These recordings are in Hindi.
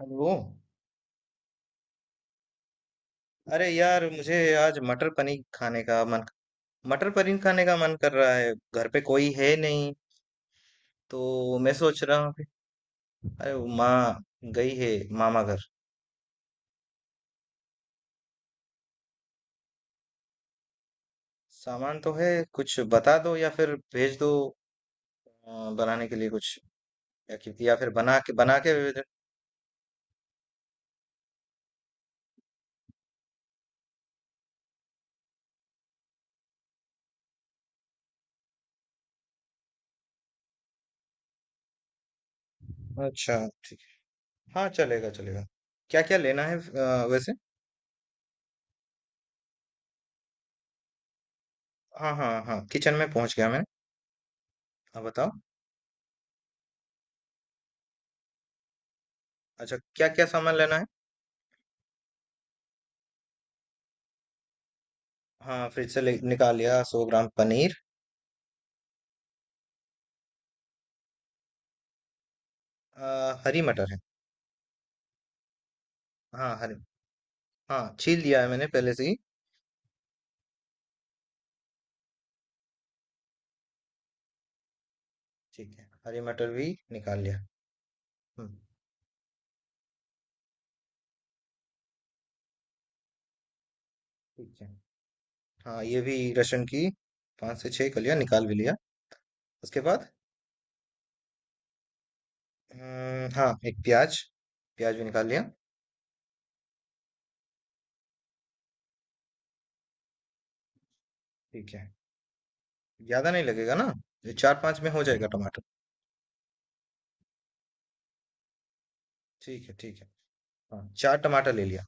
हेलो। अरे यार, मुझे आज मटर पनीर खाने का मन कर रहा है। घर पे कोई है नहीं, तो मैं सोच रहा हूँ कि... अरे वो माँ गई है, मामा घर। सामान तो है, कुछ बता दो या फिर भेज दो, बनाने के लिए कुछ, या फिर बना के भेज दो। अच्छा ठीक है। हाँ, चलेगा चलेगा। क्या क्या लेना है वैसे। हाँ हाँ हाँ, किचन में पहुंच गया मैं। अब बताओ। अच्छा, क्या क्या सामान लेना है। हाँ, फ्रिज से निकाल लिया 100 ग्राम पनीर। आ, हरी मटर है। हाँ हरी। हाँ, छील लिया है मैंने पहले से ही। ठीक है, हरी मटर भी निकाल लिया। हम्म। ठीक है। हाँ ये भी, लहसुन की 5 से 6 कलियां निकाल भी लिया। उसके बाद... हाँ एक प्याज। प्याज भी निकाल लिया। ठीक है। ज्यादा नहीं लगेगा ना? ये चार पांच में हो जाएगा टमाटर? ठीक है ठीक है। हाँ, चार टमाटर ले लिया।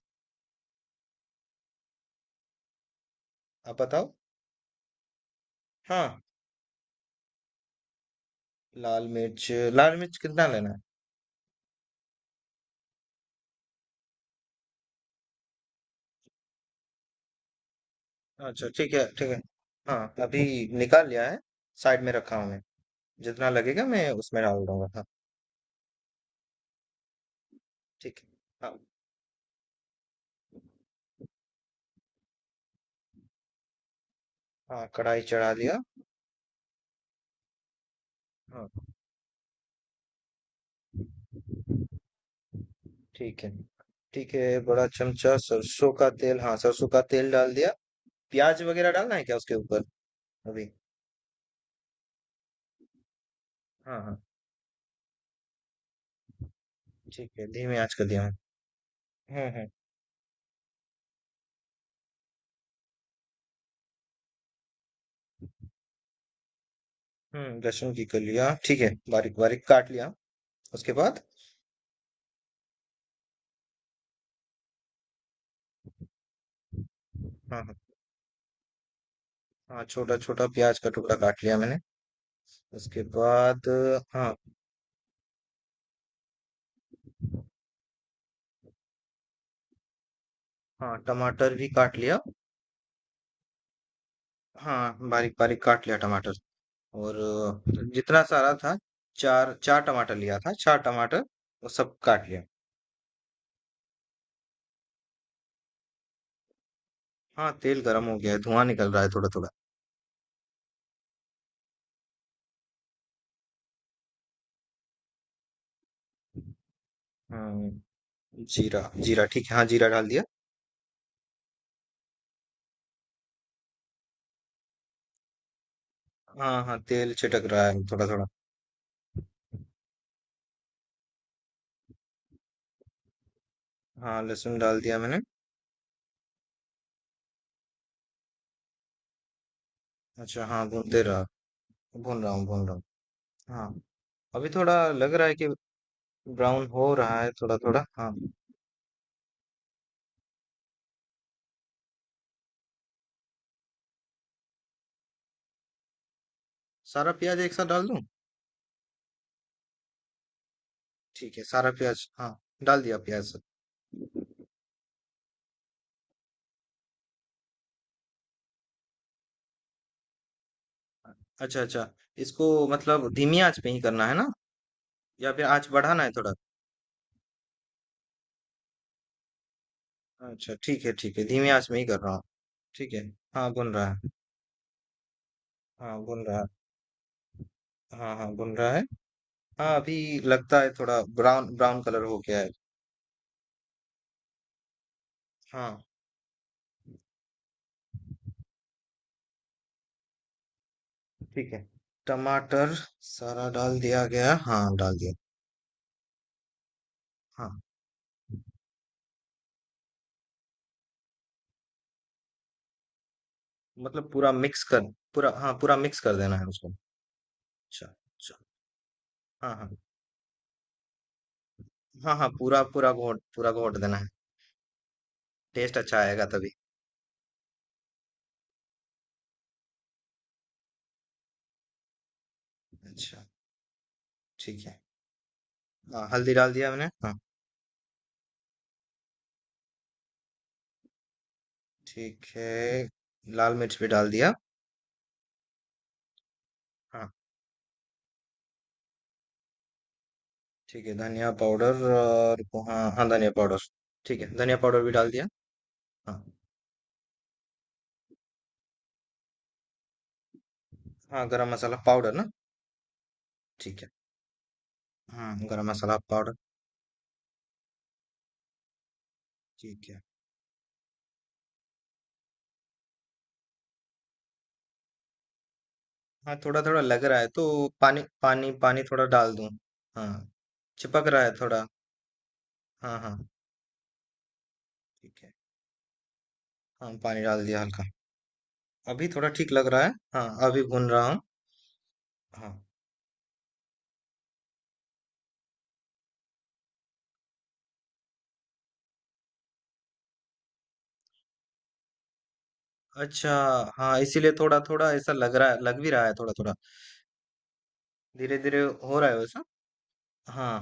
आप बताओ। हाँ, लाल मिर्च। लाल मिर्च कितना लेना है? अच्छा ठीक है ठीक है। हाँ, अभी निकाल लिया है, साइड में रखा हूँ मैं। जितना लगेगा मैं उसमें डाल दूंगा, हाँ। ठीक है। हाँ हाँ, कढ़ाई चढ़ा लिया। हाँ। ठीक है ठीक है, बड़ा चमचा सरसों का तेल, हाँ सरसों का तेल डाल दिया। प्याज वगैरह डालना है क्या उसके ऊपर अभी? हाँ हाँ। ठीक है, धीमी आंच कर दिया हूँ। हम्म। हम्म। लहसुन की कर लिया, ठीक है, बारीक बारीक काट लिया। उसके बाद... हाँ हाँ। हाँ, छोटा छोटा प्याज का टुकड़ा काट लिया मैंने। उसके बाद... हाँ। हाँ, टमाटर भी काट लिया। हाँ, बारीक बारीक काट लिया टमाटर। और जितना सारा था, चार चार टमाटर लिया था, चार टमाटर, वो सब काट लिया। हाँ, तेल गरम हो गया है, धुआं निकल रहा है थोड़ा थोड़ा। हाँ, जीरा जीरा ठीक है, हाँ जीरा डाल दिया। हाँ हाँ, तेल छिटक रहा है थोड़ा थोड़ा। हाँ, लहसुन डाल दिया मैंने। अच्छा, हाँ, भूनते रहा, भून रहा हूँ भून रहा हूँ। हाँ। अभी थोड़ा लग रहा है कि ब्राउन हो रहा है थोड़ा थोड़ा, हाँ। सारा प्याज एक साथ डाल दूँ? ठीक है, सारा प्याज, हाँ, डाल दिया प्याज सब। अच्छा अच्छा। इसको मतलब धीमी आंच पे ही करना है ना, या फिर आँच बढ़ाना है थोड़ा? अच्छा, ठीक है, धीमी आँच में ही कर रहा हूँ। ठीक है, हाँ, भून रहा है। हाँ, भून रहा है। हाँ, हाँ, भून रहा है। हाँ, अभी लगता है थोड़ा ब्राउन ब्राउन कलर हो गया है। हाँ, ठीक है। टमाटर सारा डाल दिया गया। हाँ, डाल दिया। हाँ, मतलब पूरा मिक्स कर पूरा, हाँ, पूरा मिक्स कर देना है उसको। अच्छा, अच्छा। हाँ, हाँ। हाँ, हाँ, पूरा पूरा घोट देना है। टेस्ट अच्छा आएगा तभी। अच्छा, ठीक है। हाँ, हल्दी डाल दिया मैंने। हाँ, ठीक है, लाल मिर्च भी डाल दिया। हाँ, ठीक है, धनिया पाउडर, और हाँ हाँ धनिया पाउडर, ठीक है, धनिया पाउडर भी डाल दिया। हाँ हाँ, गरम मसाला पाउडर ना? ठीक है, हाँ, गरम मसाला पाउडर। ठीक है। हाँ, थोड़ा थोड़ा लग रहा है तो पानी पानी पानी थोड़ा डाल दूं? हाँ, चिपक रहा है थोड़ा। हाँ हाँ। ठीक है, हाँ, पानी डाल दिया हल्का। अभी थोड़ा ठीक लग रहा है, हाँ, अभी भून रहा हूँ। हाँ। अच्छा। हाँ, इसीलिए थोड़ा थोड़ा ऐसा लग रहा है, लग भी रहा है थोड़ा थोड़ा। धीरे धीरे हो रहा है वैसा। हाँ।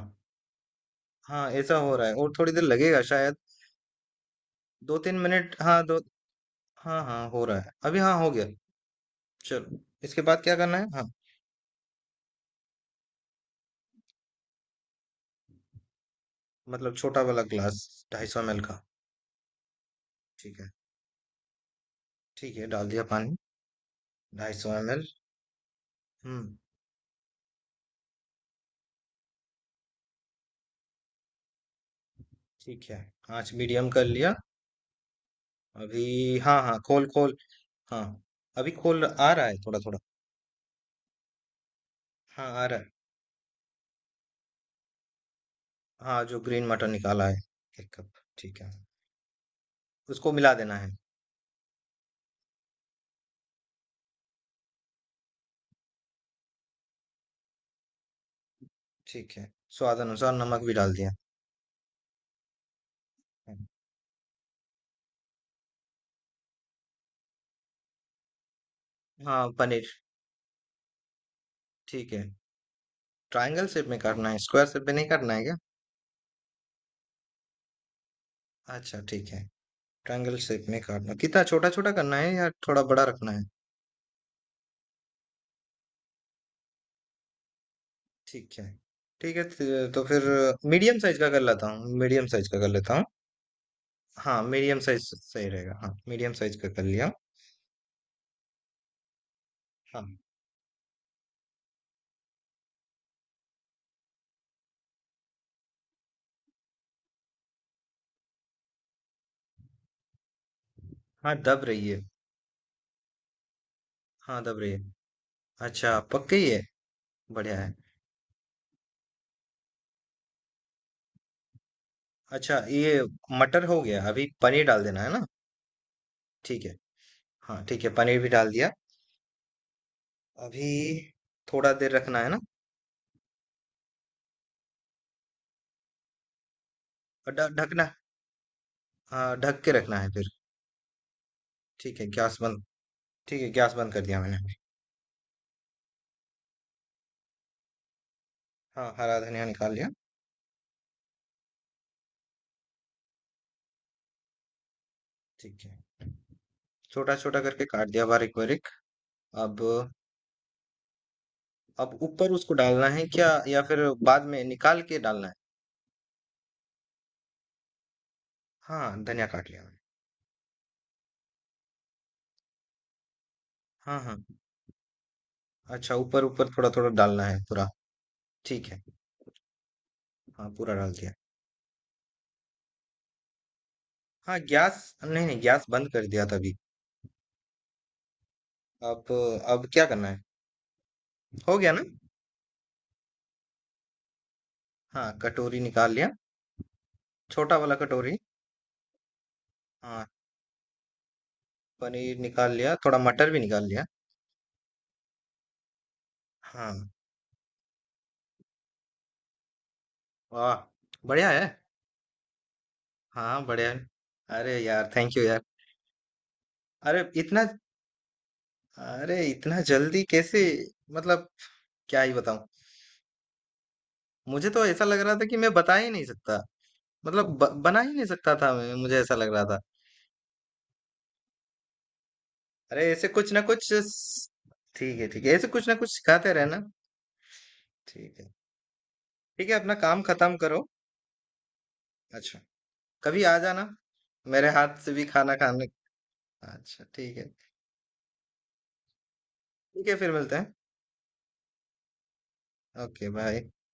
हाँ, ऐसा हो रहा है और थोड़ी देर लगेगा शायद। 2-3 मिनट, हाँ दो। हाँ हाँ, हो रहा है अभी, हाँ हो गया। चलो, इसके बाद क्या करना है? हाँ। मतलब छोटा वाला ग्लास, 250 ml का। ठीक है, ठीक है, डाल दिया पानी, 250 ML। हम्म। ठीक है, आंच मीडियम कर लिया। अभी हाँ हाँ, खोल खोल। हाँ, अभी खोल आ रहा है थोड़ा थोड़ा। हाँ, आ रहा है। हाँ, जो ग्रीन मटर निकाला है, एक कप। ठीक है, उसको मिला देना है। ठीक है, स्वाद अनुसार नमक भी डाल दिया। हाँ, पनीर। ठीक है। ट्रायंगल शेप में करना है, स्क्वायर शेप में नहीं करना है क्या? अच्छा, ठीक है। ट्रायंगल शेप में काटना कितना छोटा-छोटा करना है, या थोड़ा बड़ा रखना है? ठीक है। ठीक है, त तो फिर मीडियम साइज़ का कर लेता हूँ, मीडियम साइज़ का कर लेता हूँ। हाँ, मीडियम साइज़ सही रहेगा। हाँ, मीडियम साइज़ का कर लिया। हाँ, हाँ, दब रही है। हाँ, दब रही है। अच्छा, पक गई है? बढ़िया है। अच्छा, ये मटर हो गया, अभी पनीर डाल देना है ना? ठीक है। हाँ, ठीक है, पनीर भी डाल दिया। अभी थोड़ा देर रखना है ना? ढ ढकना, हाँ, ढक के रखना है फिर। ठीक है, गैस बंद, ठीक है, गैस बंद कर दिया मैंने। हाँ, हरा धनिया निकाल लिया। ठीक है, छोटा छोटा करके काट दिया बारीक बारीक। अब... अब ऊपर उसको डालना है क्या, या फिर बाद में निकाल के डालना है? हाँ, धनिया काट लिया मैंने। हाँ हाँ। अच्छा, ऊपर ऊपर थोड़ा थोड़ा डालना है पूरा? ठीक है, हाँ, पूरा डाल दिया। हाँ, गैस, नहीं नहीं, गैस बंद कर दिया था अभी। अब... अब क्या करना है, हो गया ना? हाँ, कटोरी निकाल लिया। छोटा वाला कटोरी। हाँ, पनीर निकाल लिया, थोड़ा मटर भी निकाल लिया। हाँ। वाह, बढ़िया है। हाँ, बढ़िया है। अरे यार, थैंक यू यार। अरे इतना... अरे इतना जल्दी कैसे? मतलब, क्या ही बताऊं। मुझे तो ऐसा लग रहा था कि मैं बता ही नहीं सकता। मतलब बना ही नहीं सकता था मैं, मुझे ऐसा लग रहा था। अरे, ऐसे कुछ ना कुछ ठीक है, ठीक है, ऐसे कुछ ना कुछ सिखाते रहना। ठीक है। ठीक है, अपना काम खत्म करो। अच्छा। कभी आ जाना मेरे हाथ से भी खाना खाने। अच्छा, ठीक है। ठीक है, फिर मिलते हैं। Okay bye.